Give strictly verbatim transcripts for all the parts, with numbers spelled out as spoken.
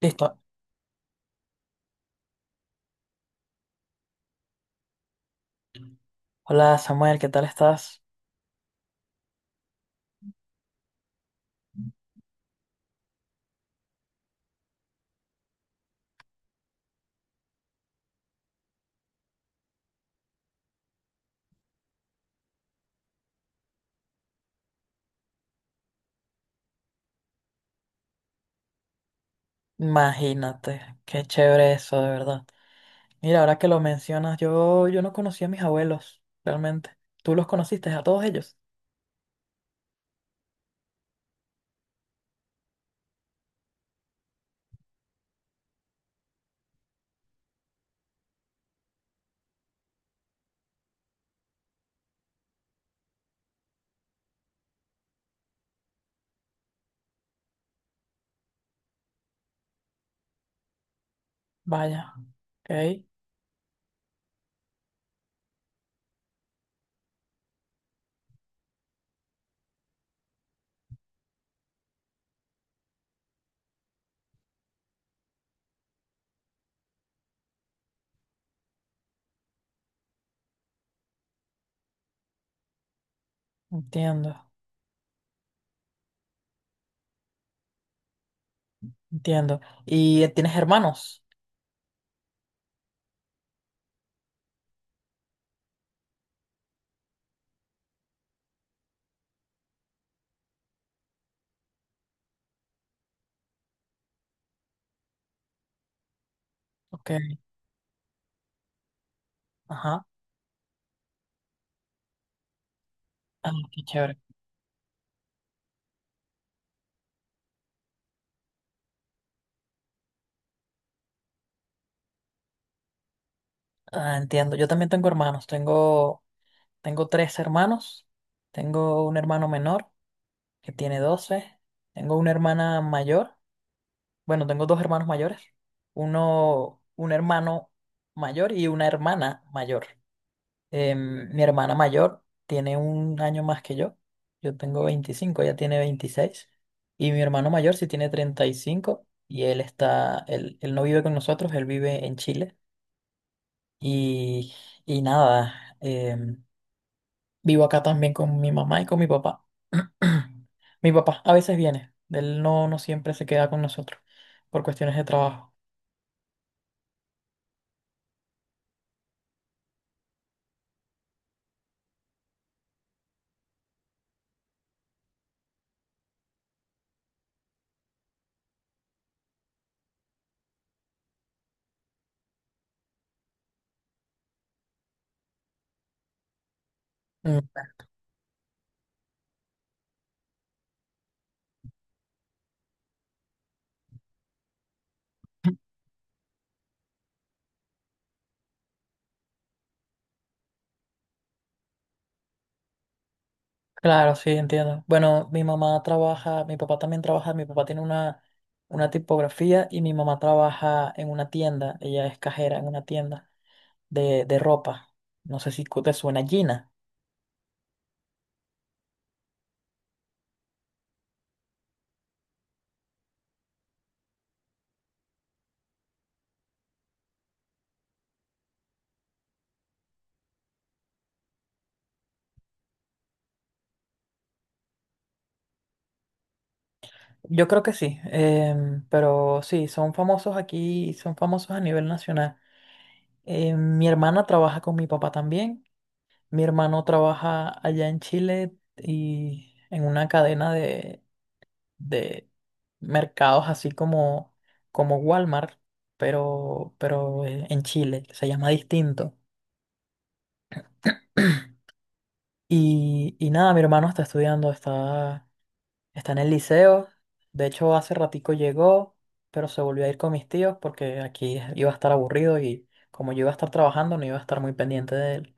Listo. Hola Samuel, ¿qué tal estás? Imagínate, qué chévere eso, de verdad. Mira, ahora que lo mencionas, yo, yo no conocí a mis abuelos, realmente. ¿Tú los conociste a todos ellos? Vaya, ok, entiendo, entiendo. ¿Y tienes hermanos? Ok, ajá, ah, qué chévere. Ah, entiendo, yo también tengo hermanos, tengo, tengo tres hermanos, tengo un hermano menor que tiene doce. Tengo una hermana mayor. Bueno, tengo dos hermanos mayores. Uno, un hermano mayor y una hermana mayor. Em, mi hermana mayor tiene un año más que yo. Yo tengo veinticinco, ella tiene veintiséis. Y mi hermano mayor sí tiene treinta y cinco y cinco y él está, él, él no vive con nosotros, él vive en Chile. Y, y nada, em, vivo acá también con mi mamá y con mi papá. Mi papá a veces viene, él no, no siempre se queda con nosotros por cuestiones de trabajo. Mm. Claro, sí, entiendo. Bueno, mi mamá trabaja, mi papá también trabaja, mi papá tiene una, una tipografía y mi mamá trabaja en una tienda, ella es cajera en una tienda de, de ropa. No sé si cu- te suena Gina. Yo creo que sí, em, pero sí, son famosos aquí, son famosos a nivel nacional. Eh, mi hermana trabaja con mi papá también, mi hermano trabaja allá en Chile y en una cadena de mercados así como, como Walmart, pero, pero eh, en Chile, se llama distinto. Y, y nada, mi hermano está estudiando, está, está en el liceo. De hecho, hace ratico llegó, pero se volvió a ir con mis tíos porque aquí iba a estar aburrido y como yo iba a estar trabajando, no iba a estar muy pendiente de él.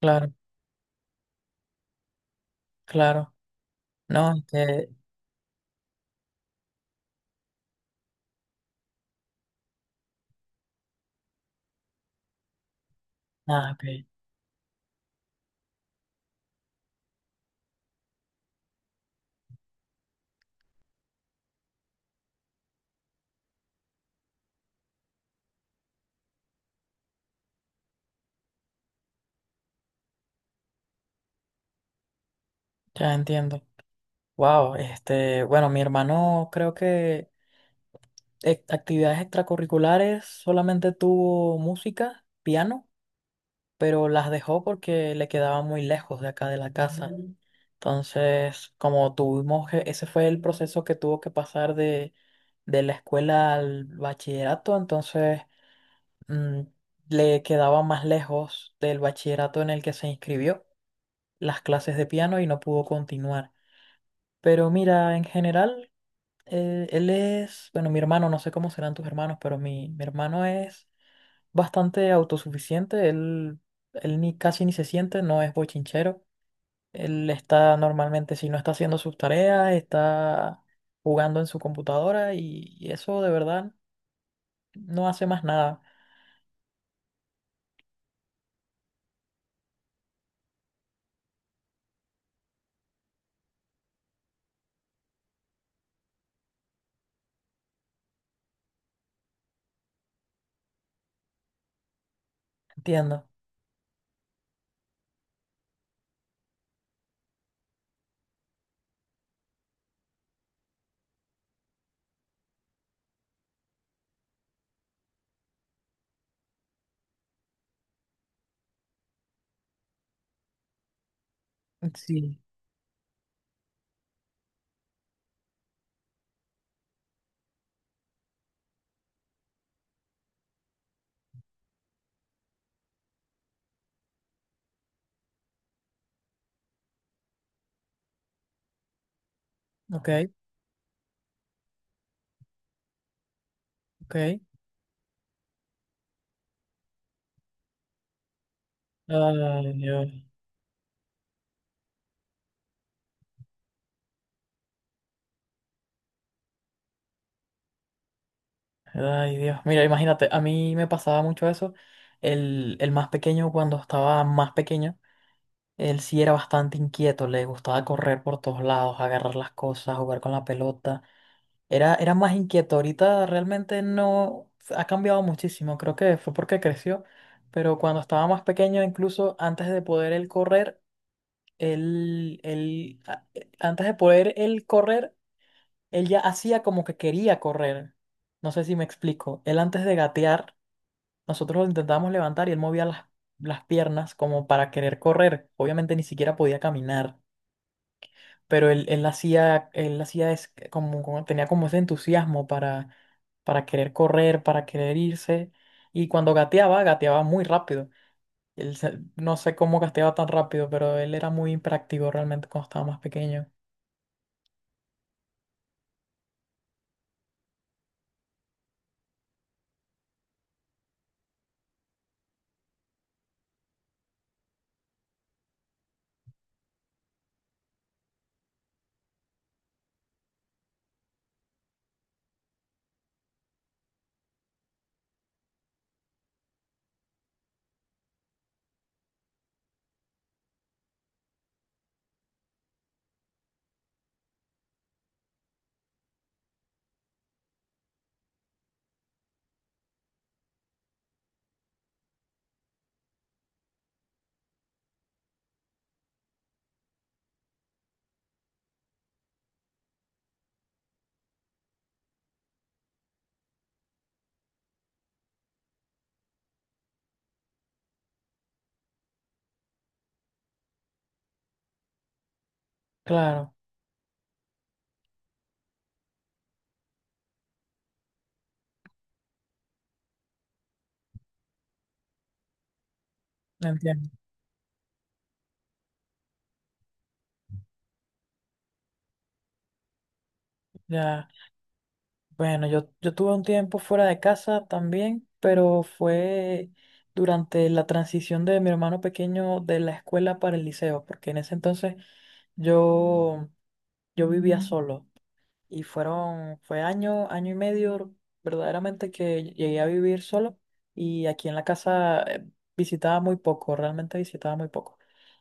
Claro, claro. No, este, nada, ok, ya entiendo. Wow, este, bueno, mi hermano creo que eh, actividades extracurriculares, solamente tuvo música, piano, pero las dejó porque le quedaba muy lejos de acá de la casa. Ujú. Entonces, como tuvimos, que- ese fue el proceso que tuvo que pasar de, de la escuela al bachillerato, entonces mm, le quedaba más lejos del bachillerato en el que se inscribió las clases de piano y no pudo continuar. Pero mira, en general, eh, él es, bueno, mi hermano, no sé cómo serán tus hermanos, pero mi, mi hermano es bastante autosuficiente, él, él ni, casi ni se siente, no es bochinchero. Él está normalmente, si no está haciendo sus tareas, está jugando en su computadora y, y eso de verdad no hace más nada. Entiendo. Sí. Ok, ok. Ay, Dios. Ay, Dios. Mira, imagínate, a mí me pasaba mucho eso. El, el más pequeño, cuando estaba más pequeño, él sí era bastante inquieto, le gustaba correr por todos lados, agarrar las cosas, jugar con la pelota. Era, era más inquieto. Ahorita realmente no ha cambiado muchísimo. Creo que fue porque creció. Pero cuando estaba más pequeño, incluso antes de poder él correr, él, él, a- eh, antes de poder él correr, él ya hacía como que quería correr. No sé si me explico. Él antes de gatear, nosotros lo intentábamos levantar y él movía las, las piernas como para querer correr. Obviamente ni siquiera podía caminar pero él, él hacía, él hacía es como, como- tenía como ese entusiasmo para, para querer correr, para querer irse, y cuando gateaba, gateaba muy rápido. Él se- no sé cómo gateaba tan rápido, pero él era muy hiperactivo realmente cuando estaba más pequeño. Claro, entiendo. Ya. Bueno, yo, yo tuve un tiempo fuera de casa también, pero fue durante la transición de mi hermano pequeño de la escuela para el liceo, porque en ese entonces yo, yo vivía solo. Y fueron, fue año, año y medio verdaderamente que llegué a vivir solo y aquí en la casa eh, visitaba muy poco, realmente visitaba muy poco.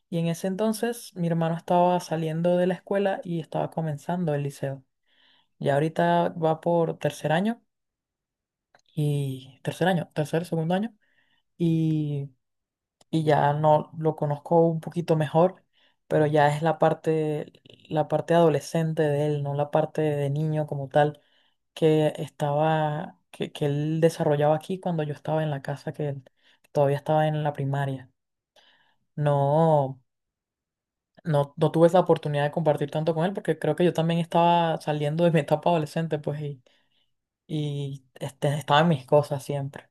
Y en ese entonces mi hermano estaba saliendo de la escuela y estaba comenzando el liceo. Ya ahorita va por tercer año y tercer año, tercer, segundo año y, y ya no lo conozco un poquito mejor, pero ya es la parte, la parte adolescente de él, no la parte de niño como tal que estaba, que, que él desarrollaba aquí cuando yo estaba en la casa, que él todavía estaba en la primaria. No, no, no tuve esa oportunidad de compartir tanto con él porque creo que yo también estaba saliendo de mi etapa adolescente, pues, y, y este, estaba en mis cosas siempre.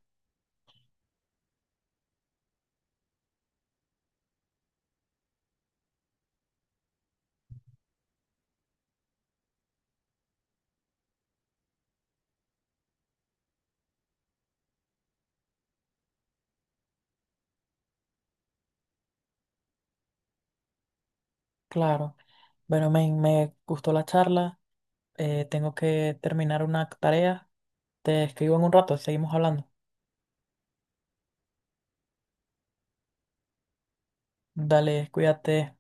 Claro. Bueno, me, me gustó la charla. Eh, tengo que terminar una tarea. Te escribo en un rato, seguimos hablando. Dale, cuídate.